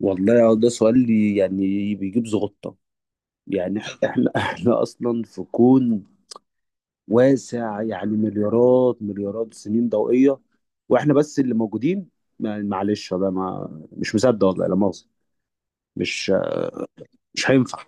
والله ده سؤال يعني بيجيب زغطة. يعني احنا احنا اصلا في كون واسع، يعني مليارات مليارات السنين ضوئية، واحنا بس اللي موجودين. معلش، ده ما مش مصدق، والله لا مؤاخذة. مش مش هينفع.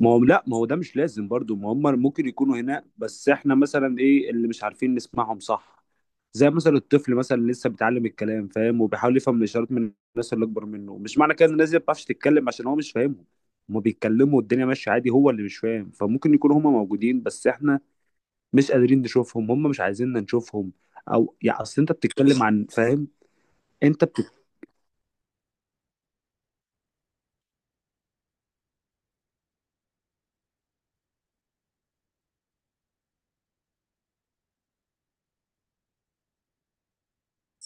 ما هو لا، ما هو ده مش لازم برضو. ما هم ممكن يكونوا هنا، بس احنا مثلا ايه اللي مش عارفين نسمعهم؟ صح؟ زي مثلا الطفل مثلا لسه بيتعلم الكلام، فاهم، وبيحاول يفهم الاشارات من الناس اللي اكبر منه. مش معنى كده ان الناس دي ما بتعرفش تتكلم عشان هو مش فاهمهم. هما بيتكلموا والدنيا ماشيه عادي، هو اللي مش فاهم. فممكن يكونوا هما موجودين بس احنا مش قادرين نشوفهم، هما مش عايزيننا نشوفهم. او يعني اصل انت بتتكلم عن فاهم. انت بت...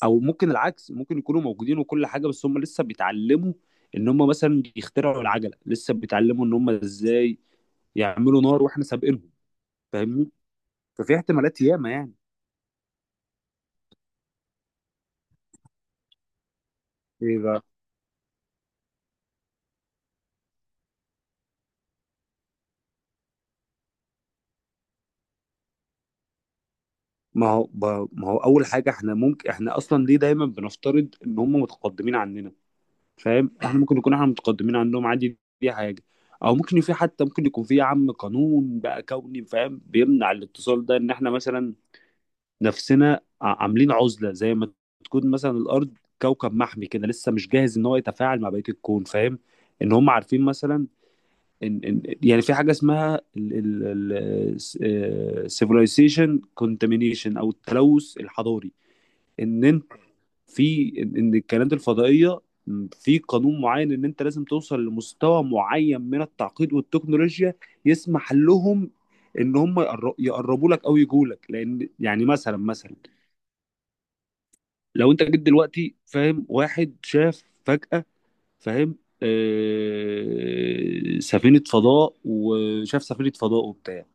او ممكن العكس. ممكن يكونوا موجودين وكل حاجه، بس هما لسه بيتعلموا ان هما مثلا يخترعوا العجله، لسه بيتعلموا ان هما ازاي يعملوا نار واحنا سابقينهم. فاهمني؟ ففي احتمالات ياما. يعني ما هو اول حاجه، احنا ممكن، احنا اصلا ليه دايما بنفترض ان هم متقدمين عننا؟ فاهم؟ احنا ممكن نكون احنا متقدمين عنهم عادي، دي حاجه. او ممكن في، حتى ممكن يكون في يا عم قانون بقى كوني، فاهم، بيمنع الاتصال ده. ان احنا مثلا نفسنا عاملين عزله زي ما تكون مثلا الارض كوكب محمي كده، لسه مش جاهز ان هو يتفاعل مع بقيه الكون، فاهم. ان هم عارفين مثلا ان يعني في حاجه اسمها السيفلايزيشن كونتامينيشن او التلوث الحضاري. ان انت، في ان إن الكائنات الفضائيه، في قانون معين ان انت لازم توصل لمستوى معين من التعقيد والتكنولوجيا يسمح لهم ان هم يقربوا لك او يجوا لك. لان يعني مثلا لو انت جيت دلوقتي، فاهم، واحد شاف فجأة، فاهم، آه سفينة فضاء، وشاف سفينة فضاء وبتاع،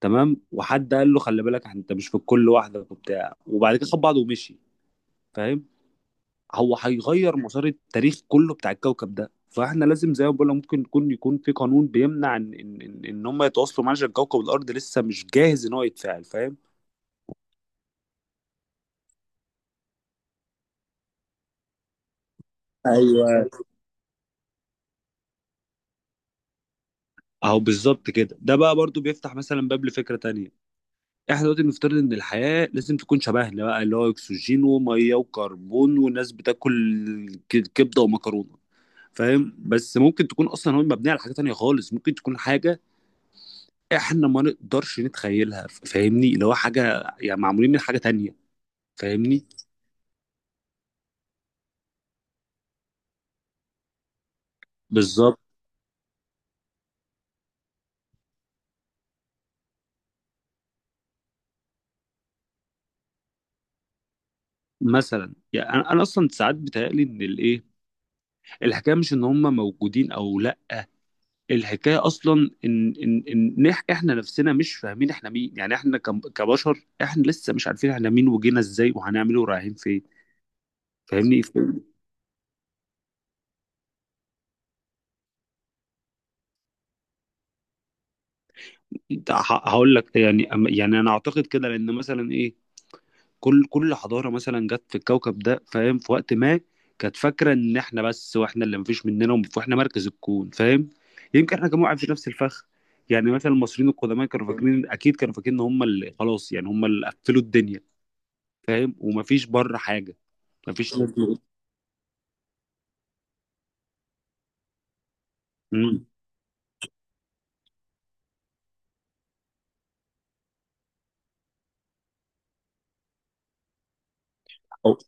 تمام، وحد قال له خلي بالك انت مش في الكل لوحدك وبتاع، وبعد كده خد بعضه ومشي، فاهم. هو هيغير مسار التاريخ كله بتاع الكوكب ده. فاحنا لازم، زي ما بقول لك، ممكن يكون في قانون بيمنع ان ان ان إن هم يتواصلوا معاه عشان كوكب الارض لسه مش جاهز ان هو يتفاعل، فاهم. ايوه. اهو بالظبط كده. ده بقى برضو بيفتح مثلا باب لفكره تانية. احنا دلوقتي بنفترض ان الحياه لازم تكون شبهنا بقى، اللي هو اكسجين وميه وكربون، والناس بتاكل كبده ومكرونه، فاهم. بس ممكن تكون اصلا هو مبنيه على حاجه تانية خالص، ممكن تكون حاجه احنا ما نقدرش نتخيلها، فاهمني، اللي هو حاجه يعني معمولين من حاجه تانية. فاهمني؟ بالظبط. مثلا يعني انا اصلا ساعات بتهيألي ان الايه، الحكايه مش ان هم موجودين او لا، الحكايه اصلا احنا نفسنا مش فاهمين احنا مين. يعني احنا كبشر، احنا لسه مش عارفين احنا مين وجينا ازاي وهنعمله ورايحين فين. فاهمني؟ هقول لك يعني، يعني انا اعتقد كده لان مثلا ايه، كل حضاره مثلا جت في الكوكب ده، فاهم، في وقت ما كانت فاكره ان احنا بس، واحنا اللي مفيش مننا واحنا مركز الكون، فاهم. يمكن احنا كمان قاعدين في نفس الفخ. يعني مثلا المصريين القدماء كانوا فاكرين، اكيد كانوا فاكرين ان هم اللي خلاص، يعني هم اللي قفلوا الدنيا، فاهم، ومفيش بره حاجه. مفيش ناس بيقول- مم. أو-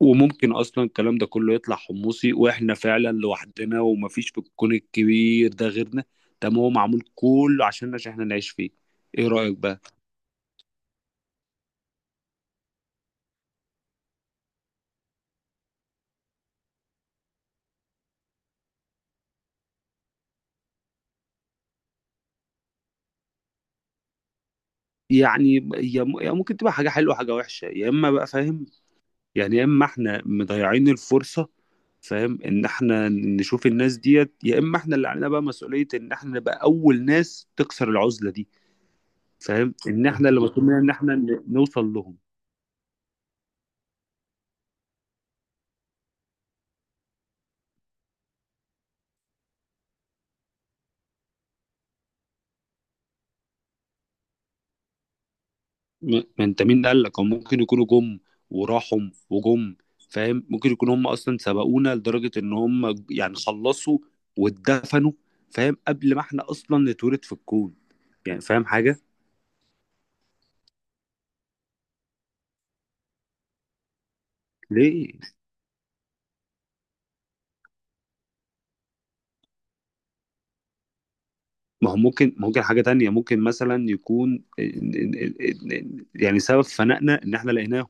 وممكن اصلا الكلام ده كله يطلع حمصي، واحنا فعلا لوحدنا ومفيش في الكون الكبير ده غيرنا. ده ما هو معمول كله عشان احنا نعيش فيه. ايه رايك بقى؟ يعني هي ممكن تبقى حاجة حلوة، حاجة وحشة، يا إما بقى، فاهم، يعني يا إما إحنا مضيعين الفرصة، فاهم، إن إحنا نشوف الناس ديت، يا إما إحنا اللي علينا بقى مسؤولية إن إحنا نبقى أول ناس تكسر العزلة دي، فاهم، إن إحنا اللي مطلوب مننا إن إحنا نوصل لهم. ما أنت مين قال لك، هم ممكن يكونوا جم وراحوا وجم، فاهم. ممكن يكونوا هم أصلا سبقونا لدرجة إن هم يعني خلصوا واتدفنوا، فاهم، قبل ما إحنا أصلا نتولد في الكون. يعني فاهم حاجة؟ ليه؟ ما هو ممكن، حاجة تانية. ممكن مثلا يكون يعني سبب فنائنا ان احنا لقيناهم.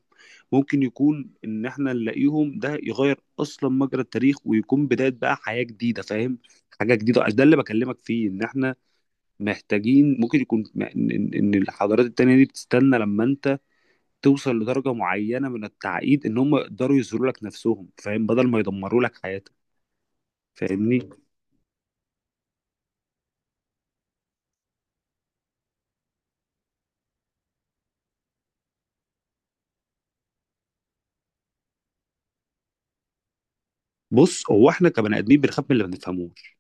ممكن يكون ان احنا نلاقيهم ده يغير اصلا مجرى التاريخ ويكون بداية بقى حياة جديدة، فاهم، حاجة جديدة. ده اللي بكلمك فيه ان احنا محتاجين. ممكن يكون إن الحضارات التانية دي بتستنى لما انت توصل لدرجة معينة من التعقيد ان هم يقدروا يظهروا لك نفسهم، فاهم، بدل ما يدمروا لك حياتك. فاهمني؟ بص، هو احنا كبني ادمين بنخاف من اللي ما بنفهموش،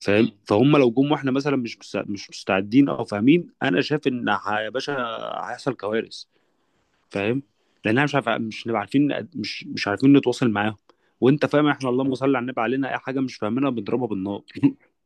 فاهم. مم. فهم لو جم واحنا مثلا مش مستعدين او فاهمين، انا شايف ان يا باشا هيحصل كوارث، فاهم، لان احنا مش نبقى عارفين، مش عارفين نتواصل معاهم. وانت فاهم، احنا اللهم صل على النبي، علينا اي حاجه مش فاهمينها بنضربها بالنار.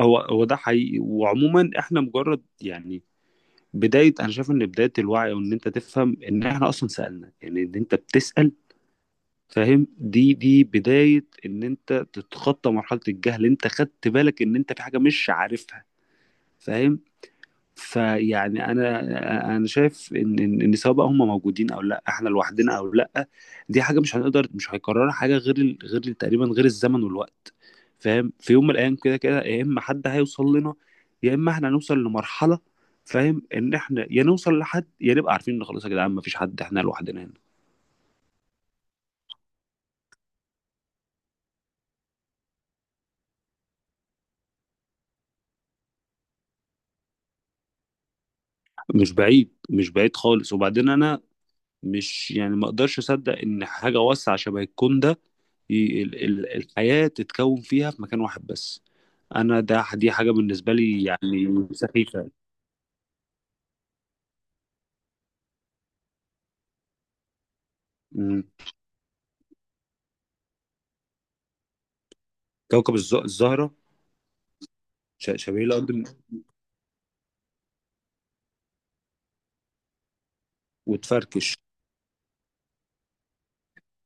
هو ده حقيقي. وعموما احنا مجرد يعني بدايه، انا شايف ان بدايه الوعي، وان انت تفهم ان احنا اصلا سالنا، يعني ان انت بتسال، فاهم، دي بدايه ان انت تتخطى مرحله الجهل. انت خدت بالك ان انت في حاجه مش عارفها، فاهم. فيعني انا شايف ان إن سواء بقى هم موجودين او لا، احنا لوحدنا او لا، دي حاجه مش هنقدر، مش هيكررها حاجه، غير تقريبا غير الزمن والوقت، فاهم. في يوم من الايام كده كده، يا اما حد هيوصل لنا، يا اما احنا هنوصل لمرحله، فاهم، ان احنا يا نوصل لحد يا نبقى عارفين ان خلاص يا جدعان مفيش حد، احنا لوحدنا هنا. مش بعيد، مش بعيد خالص. وبعدين انا مش يعني، ما اقدرش اصدق ان حاجه واسعه شبه الكون ده الحياه تتكون فيها في مكان واحد بس. انا ده، حاجه بالنسبه لي يعني سخيفه. مم. كوكب الزهره. شبيه الارض. وتفركش.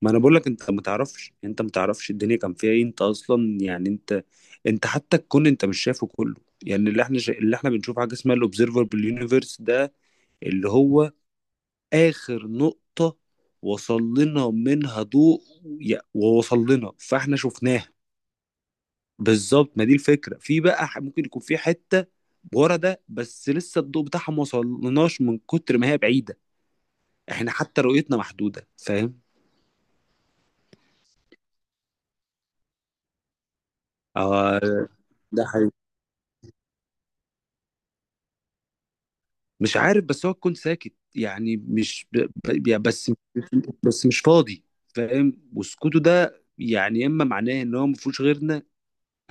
ما انا بقول لك، انت ما تعرفش، انت ما تعرفش الدنيا كان فيها ايه. انت اصلا يعني انت حتى الكون انت مش شايفه كله. يعني اللي احنا بنشوف حاجه اسمها الاوبزرفبل يونيفرس ده، اللي هو آخر نقطة وصل لنا منها ضوء، ووصل لنا فاحنا شفناها. بالظبط. ما دي الفكرة. في بقى ممكن يكون في حتة ورا ده بس لسه الضوء بتاعها ما وصلناش من كتر ما هي بعيدة. احنا حتى رؤيتنا محدودة، فاهم. آه، ده حقيقي. مش عارف بس هو كنت ساكت يعني مش ب... ب... يعني بس مش فاضي، فاهم. وسكوته ده يعني يا اما معناه ان هو ما فيهوش غيرنا،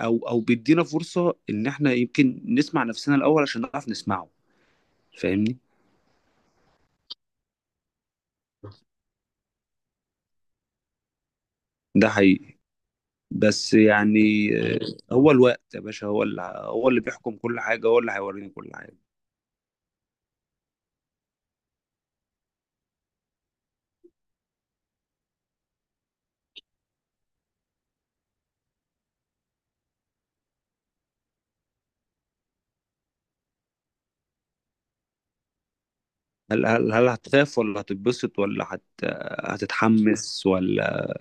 او بيدينا فرصه ان احنا يمكن نسمع نفسنا الاول عشان نعرف نسمعه، فاهمني. ده حقيقي. بس يعني، آه، هو الوقت يا باشا، هو اللي بيحكم كل حاجه، هو اللي هيوريني كل حاجه. هل هتخاف ولا هتتبسط ولا هت هتتحمس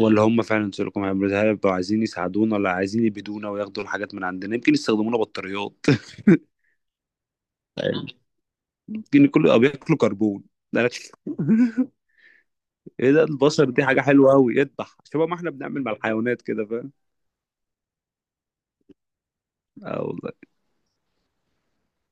ولا هم فعلا سيليكون؟ هل هيبقوا عايزين يساعدونا ولا عايزين يبيدونا وياخدوا الحاجات من عندنا؟ يمكن يستخدمونا بطاريات. يمكن كله بياكلوا كربون. ده أنا- ايه ده، البشر دي حاجة حلوة أوي، اذبح شبه ما احنا بنعمل مع الحيوانات كده، فاهم. اه، والله.